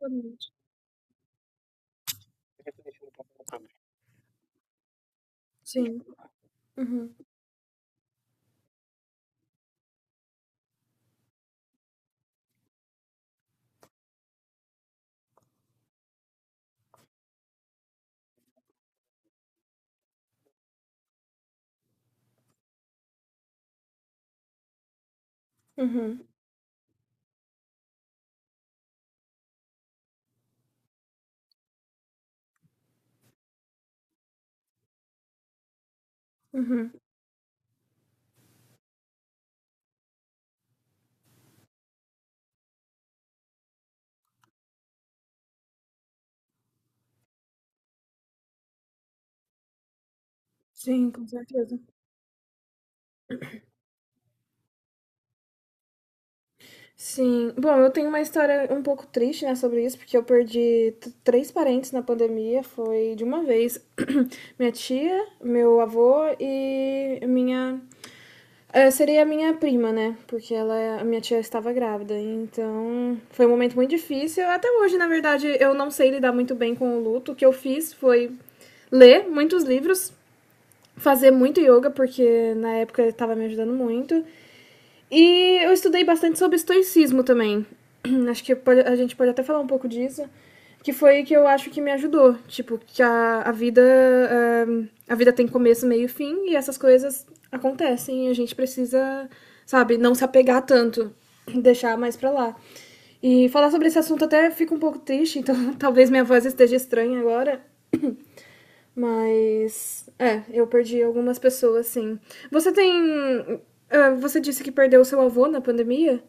Exatamente. Sim. Uhum, uhum, uhum. Sim, com certeza. Sim. Bom, eu tenho uma história um pouco triste, né, sobre isso, porque eu perdi três parentes na pandemia, foi de uma vez. Minha tia, meu avô e minha. Seria a minha prima, né? Porque ela, a minha tia estava grávida. Então, foi um momento muito difícil. Até hoje, na verdade, eu não sei lidar muito bem com o luto. O que eu fiz foi ler muitos livros, fazer muito yoga, porque na época estava me ajudando muito. E eu estudei bastante sobre estoicismo também. Acho que a gente pode até falar um pouco disso. Que foi que eu acho que me ajudou. Tipo, que a vida. A vida tem começo, meio e fim, e essas coisas acontecem. E a gente precisa, sabe, não se apegar tanto, deixar mais pra lá. E falar sobre esse assunto até fica um pouco triste, então talvez minha voz esteja estranha agora. Mas. É, eu perdi algumas pessoas, sim. Você tem. Você disse que perdeu o seu avô na pandemia?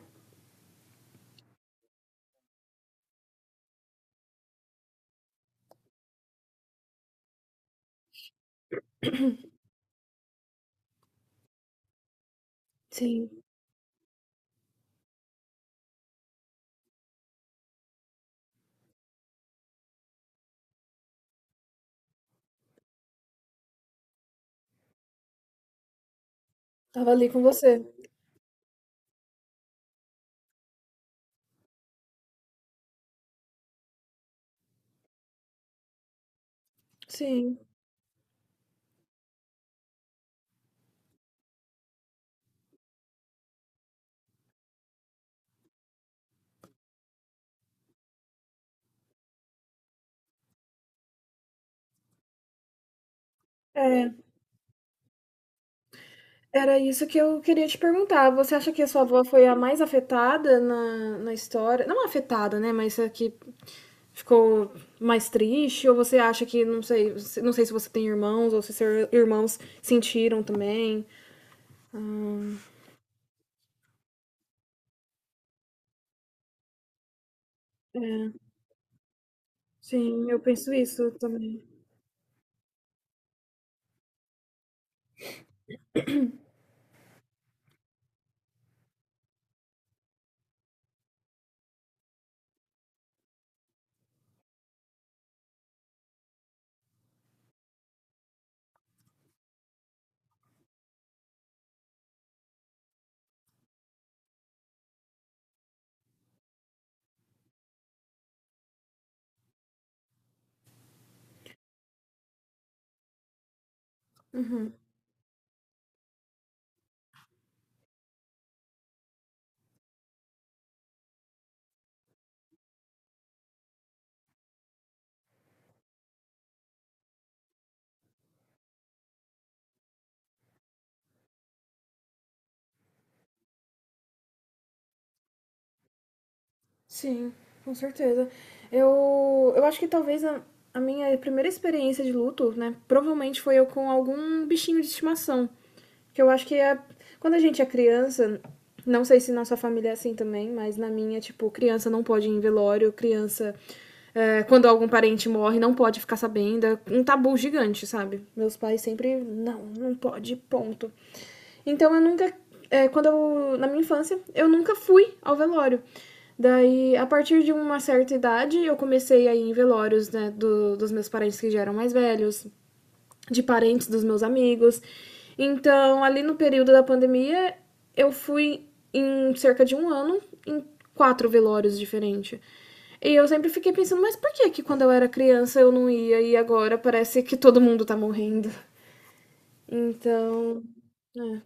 Sim. Tava ali com você. Sim. É, era isso que eu queria te perguntar. Você acha que a sua avó foi a mais afetada na, na história? Não afetada, né? Mas a que ficou mais triste? Ou você acha que, não sei, não sei se você tem irmãos ou se seus irmãos sentiram também? É, sim, eu penso isso também. Uhum. Sim, com certeza. Eu acho que talvez a minha primeira experiência de luto, né, provavelmente foi eu com algum bichinho de estimação. Que eu acho que é. Quando a gente é criança, não sei se na sua família é assim também, mas na minha, tipo, criança não pode ir em velório, criança, é, quando algum parente morre, não pode ficar sabendo. É um tabu gigante, sabe? Meus pais sempre, não, não pode, ponto. Então eu nunca. É, quando eu. Na minha infância, eu nunca fui ao velório. Daí, a partir de uma certa idade, eu comecei a ir em velórios, né? Dos meus parentes que já eram mais velhos, de parentes dos meus amigos. Então, ali no período da pandemia, eu fui em cerca de um ano em quatro velórios diferentes. E eu sempre fiquei pensando, mas por que que quando eu era criança eu não ia e agora parece que todo mundo tá morrendo? Então, é.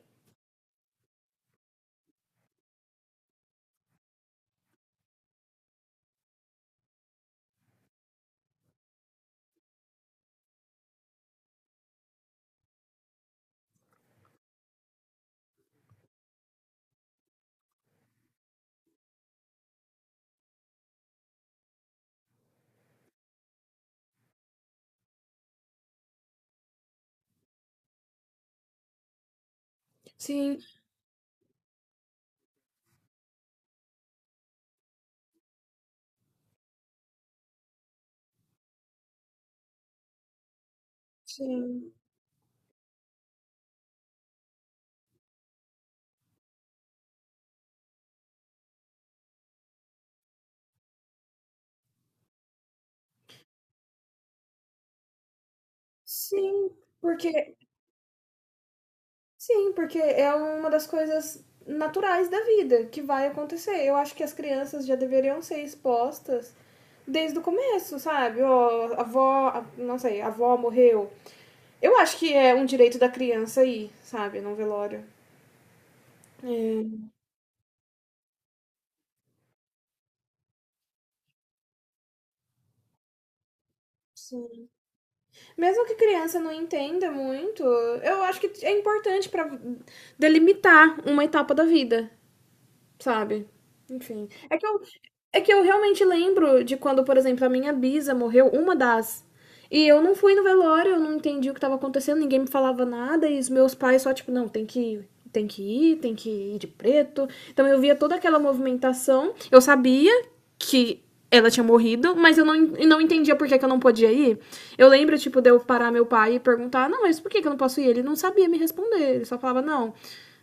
Sim, Sim, sim, porque sim, porque é uma das coisas naturais da vida que vai acontecer. Eu acho que as crianças já deveriam ser expostas desde o começo, sabe? Ó, a avó, a- não sei, a avó morreu. Eu acho que é um direito da criança ir, sabe, num velório. É, sim. Mesmo que criança não entenda muito, eu acho que é importante pra delimitar uma etapa da vida. Sabe? Enfim. É que eu realmente lembro de quando, por exemplo, a minha bisa morreu, uma das. E eu não fui no velório, eu não entendi o que estava acontecendo, ninguém me falava nada, e os meus pais só, tipo, não, tem que ir, tem que ir, tem que ir de preto. Então eu via toda aquela movimentação, eu sabia que ela tinha morrido, mas eu não, não entendia por que, que eu não podia ir. Eu lembro, tipo, de eu parar meu pai e perguntar, não, mas por que, que eu não posso ir? Ele não sabia me responder, ele só falava, não,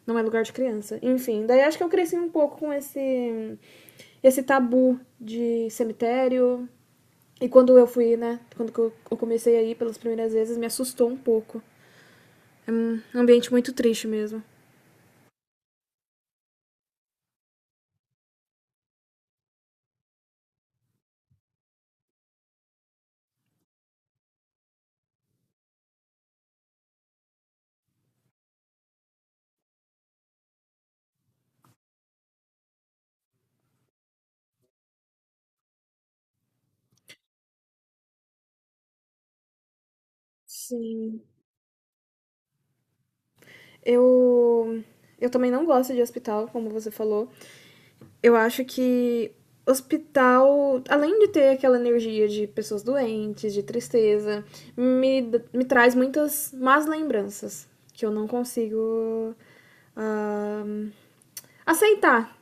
não é lugar de criança. Enfim, daí acho que eu cresci um pouco com esse esse tabu de cemitério. E quando eu fui, né, comecei a ir pelas primeiras vezes, me assustou um pouco. É um ambiente muito triste mesmo. Sim. Eu eu também não gosto de hospital, como você falou. Eu acho que hospital, além de ter aquela energia de pessoas doentes, de tristeza, me, me traz muitas más lembranças que eu não consigo ah, aceitar.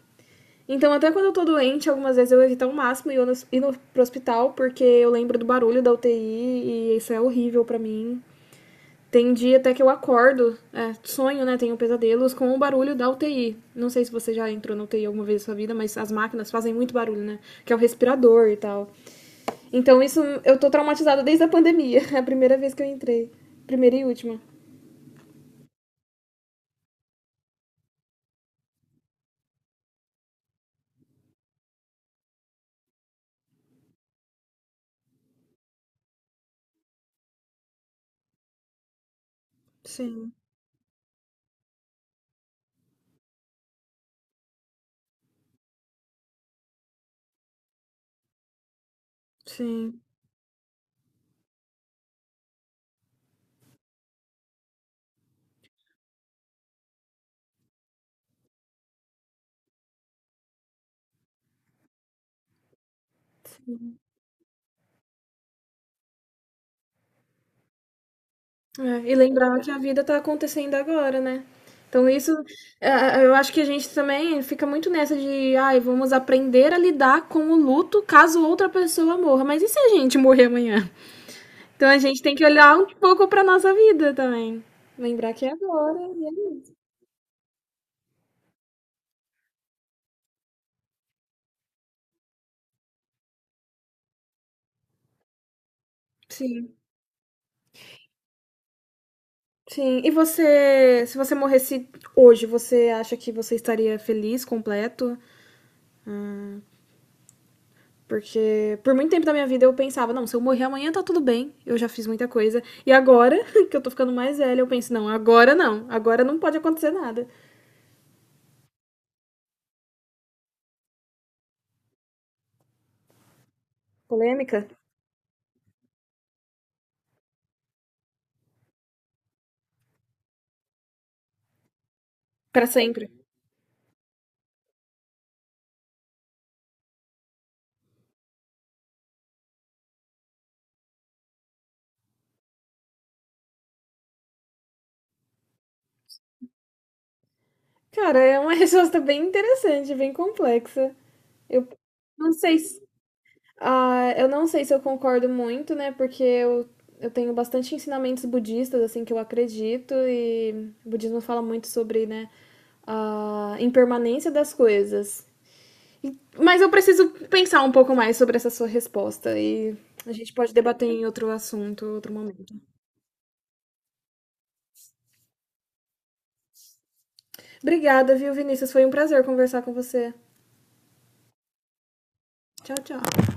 Então, até quando eu tô doente, algumas vezes eu evito ao máximo ir no, pro hospital, porque eu lembro do barulho da UTI e isso é horrível para mim. Tem dia até que eu acordo, é, sonho, né? Tenho pesadelos com o barulho da UTI. Não sei se você já entrou na UTI alguma vez na sua vida, mas as máquinas fazem muito barulho, né? Que é o respirador e tal. Então, isso eu tô traumatizada desde a pandemia. É a primeira vez que eu entrei. Primeira e última. Sim, sim, sim. É, e lembrar que a vida tá acontecendo agora, né? Então isso, é, é, eu acho que a gente também fica muito nessa de, ai, vamos aprender a lidar com o luto caso outra pessoa morra. Mas e se a gente morrer amanhã? Então a gente tem que olhar um pouco para nossa vida também. Lembrar que é agora. E é isso. Sim, sim. E você, se você morresse hoje, você acha que você estaria feliz, completo? Porque por muito tempo da minha vida eu pensava, não, se eu morrer amanhã tá tudo bem, eu já fiz muita coisa. E agora, que eu tô ficando mais velha, eu penso, não, agora não, agora não pode acontecer nada. Polêmica? Pra sempre. Cara, é uma resposta bem interessante, bem complexa. Eu não sei se. Ah, eu não sei se eu concordo muito, né? Porque eu tenho bastante ensinamentos budistas, assim, que eu acredito, e o budismo fala muito sobre, né, a impermanência das coisas. Mas eu preciso pensar um pouco mais sobre essa sua resposta e a gente pode debater em outro assunto, outro momento. Obrigada, viu, Vinícius? Foi um prazer conversar com você. Tchau, tchau.